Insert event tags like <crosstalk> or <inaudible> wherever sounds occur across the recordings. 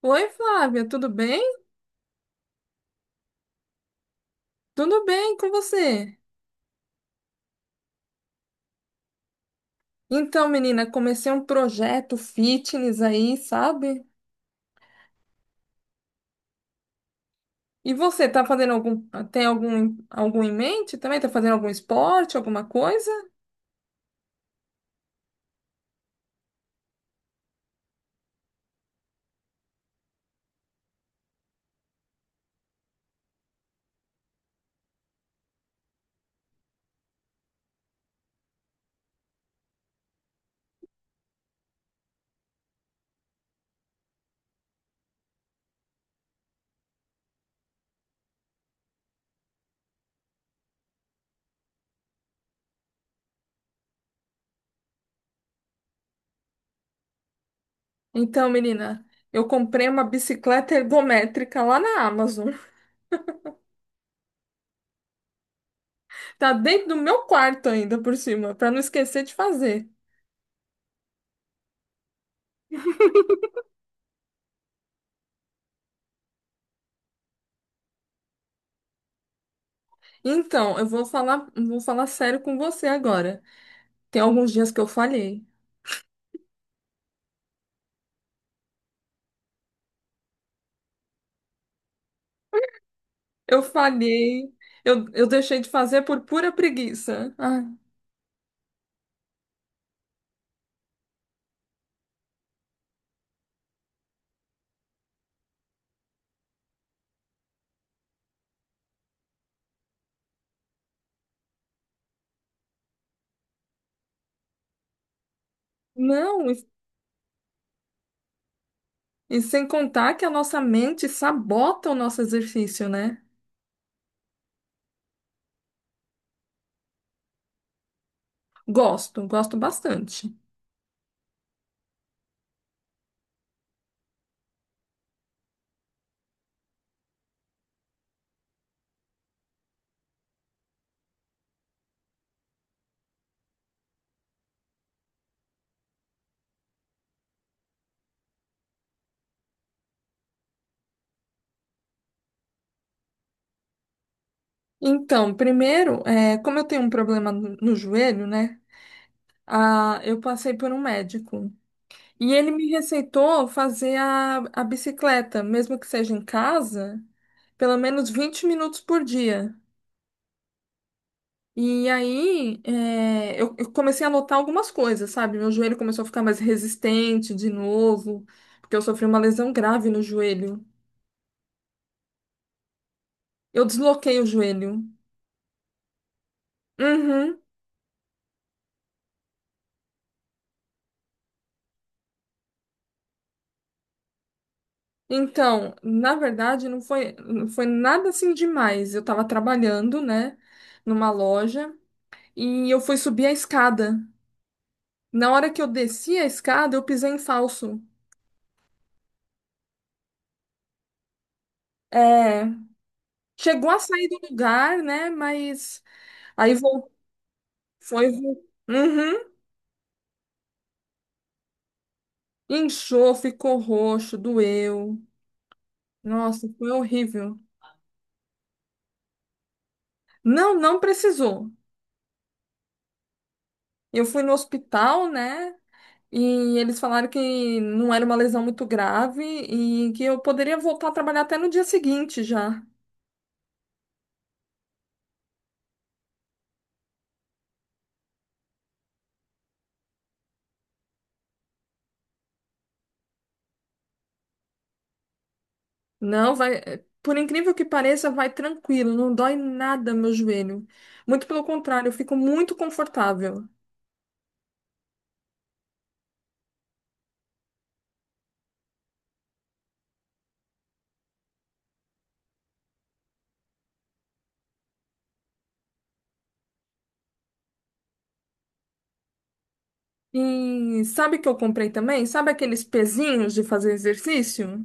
Oi, Flávia, tudo bem? Tudo bem com você? Então, menina, comecei um projeto fitness aí, sabe? E você, tá fazendo tem algum em mente também? Tá fazendo algum esporte, alguma coisa? Então, menina, eu comprei uma bicicleta ergométrica lá na Amazon. <laughs> Tá dentro do meu quarto ainda por cima, pra não esquecer de fazer. Então, vou falar sério com você agora. Tem alguns dias que eu falhei. Eu falhei, eu deixei de fazer por pura preguiça. Ai, não, e sem contar que a nossa mente sabota o nosso exercício, né? Gosto, gosto bastante. Então, primeiro, como eu tenho um problema no joelho, né? Ah, eu passei por um médico e ele me receitou fazer a bicicleta, mesmo que seja em casa, pelo menos 20 minutos por dia. E aí, eu comecei a notar algumas coisas, sabe? Meu joelho começou a ficar mais resistente de novo, porque eu sofri uma lesão grave no joelho. Eu desloquei o joelho. Uhum. Então, na verdade, não foi nada assim demais. Eu tava trabalhando, né, numa loja, e eu fui subir a escada. Na hora que eu desci a escada, eu pisei em falso. É, chegou a sair do lugar, né, mas aí vol- foi. Uhum. Inchou, ficou roxo, doeu. Nossa, foi horrível. Não, não precisou. Eu fui no hospital, né? E eles falaram que não era uma lesão muito grave e que eu poderia voltar a trabalhar até no dia seguinte já. Não, vai. Por incrível que pareça, vai tranquilo, não dói nada meu joelho. Muito pelo contrário, eu fico muito confortável. E sabe o que eu comprei também? Sabe aqueles pezinhos de fazer exercício?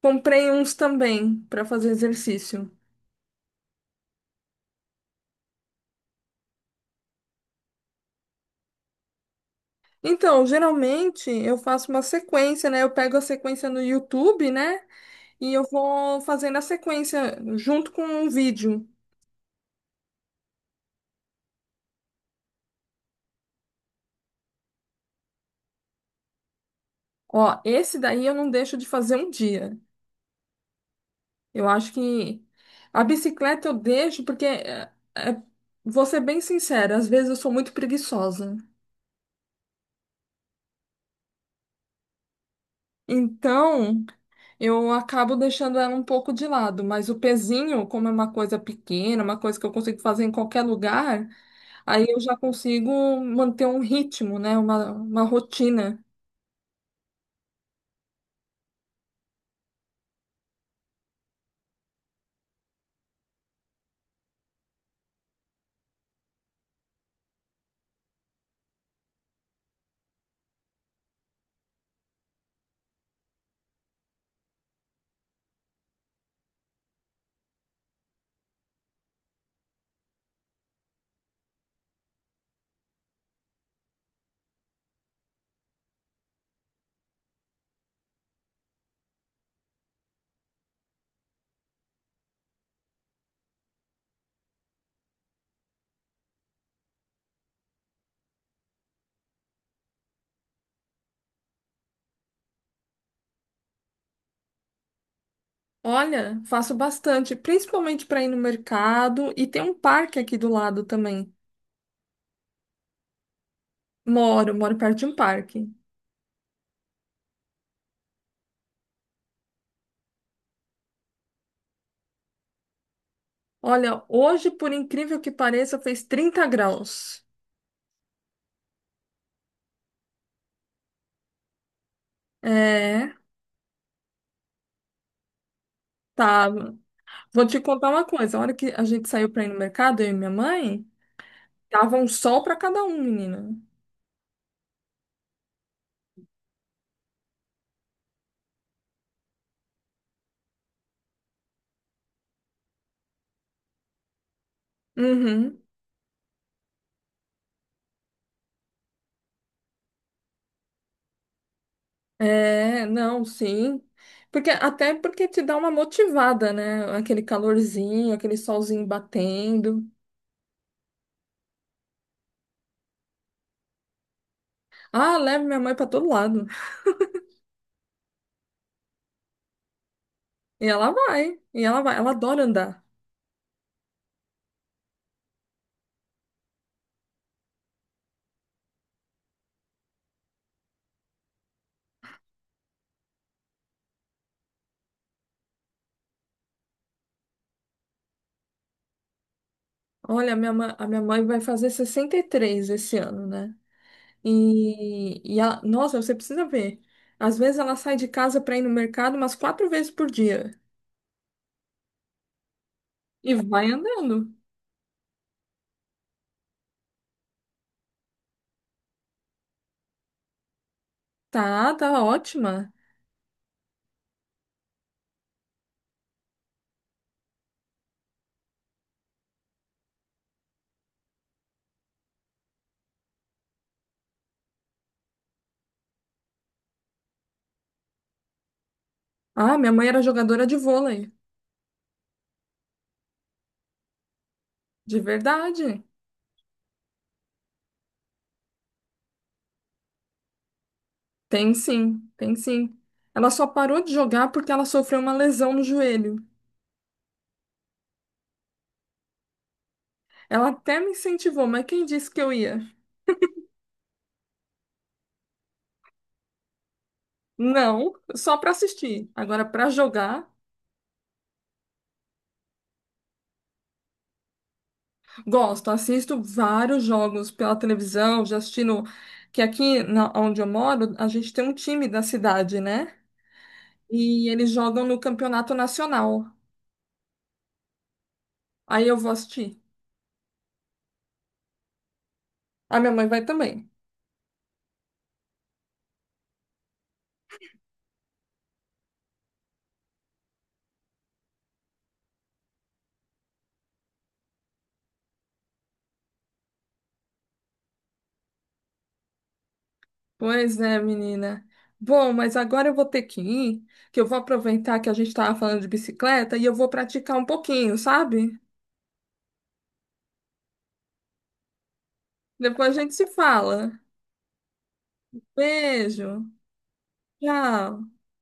Comprei uns também para fazer exercício. Então, geralmente eu faço uma sequência, né? Eu pego a sequência no YouTube, né? E eu vou fazendo a sequência junto com um vídeo. Ó, esse daí eu não deixo de fazer um dia. Eu acho que a bicicleta eu deixo porque, vou ser bem sincera, às vezes eu sou muito preguiçosa. Então, eu acabo deixando ela um pouco de lado, mas o pezinho, como é uma coisa pequena, uma coisa que eu consigo fazer em qualquer lugar. Aí eu já consigo manter um ritmo, né? Uma rotina. Olha, faço bastante, principalmente para ir no mercado e tem um parque aqui do lado também. Moro, moro perto de um parque. Olha, hoje, por incrível que pareça, fez 30 graus. É, tá. Vou te contar uma coisa. A hora que a gente saiu para ir no mercado, eu e minha mãe, tava um sol para cada um, menina. Uhum. É, não, sim. Porque até porque te dá uma motivada, né? Aquele calorzinho, aquele solzinho batendo. Ah, leve minha mãe para todo lado. E ela vai, ela adora andar. Olha, a minha mãe vai fazer 63 esse ano, né? E ela, nossa, você precisa ver. Às vezes ela sai de casa para ir no mercado umas 4 vezes por dia e vai andando. Tá, tá ótima. Ah, minha mãe era jogadora de vôlei, de verdade. Tem sim, tem sim. Ela só parou de jogar porque ela sofreu uma lesão no joelho. Ela até me incentivou, mas quem disse que eu ia? Não, só para assistir. Agora, para jogar, gosto. Assisto vários jogos pela televisão, já assisti no... Que aqui, na... onde eu moro, a gente tem um time da cidade, né? E eles jogam no campeonato nacional. Aí eu vou assistir. A minha mãe vai também. Pois é, menina. Bom, mas agora eu vou ter que ir, que eu vou aproveitar que a gente estava falando de bicicleta e eu vou praticar um pouquinho, sabe? Depois a gente se fala. Beijo. Tchau.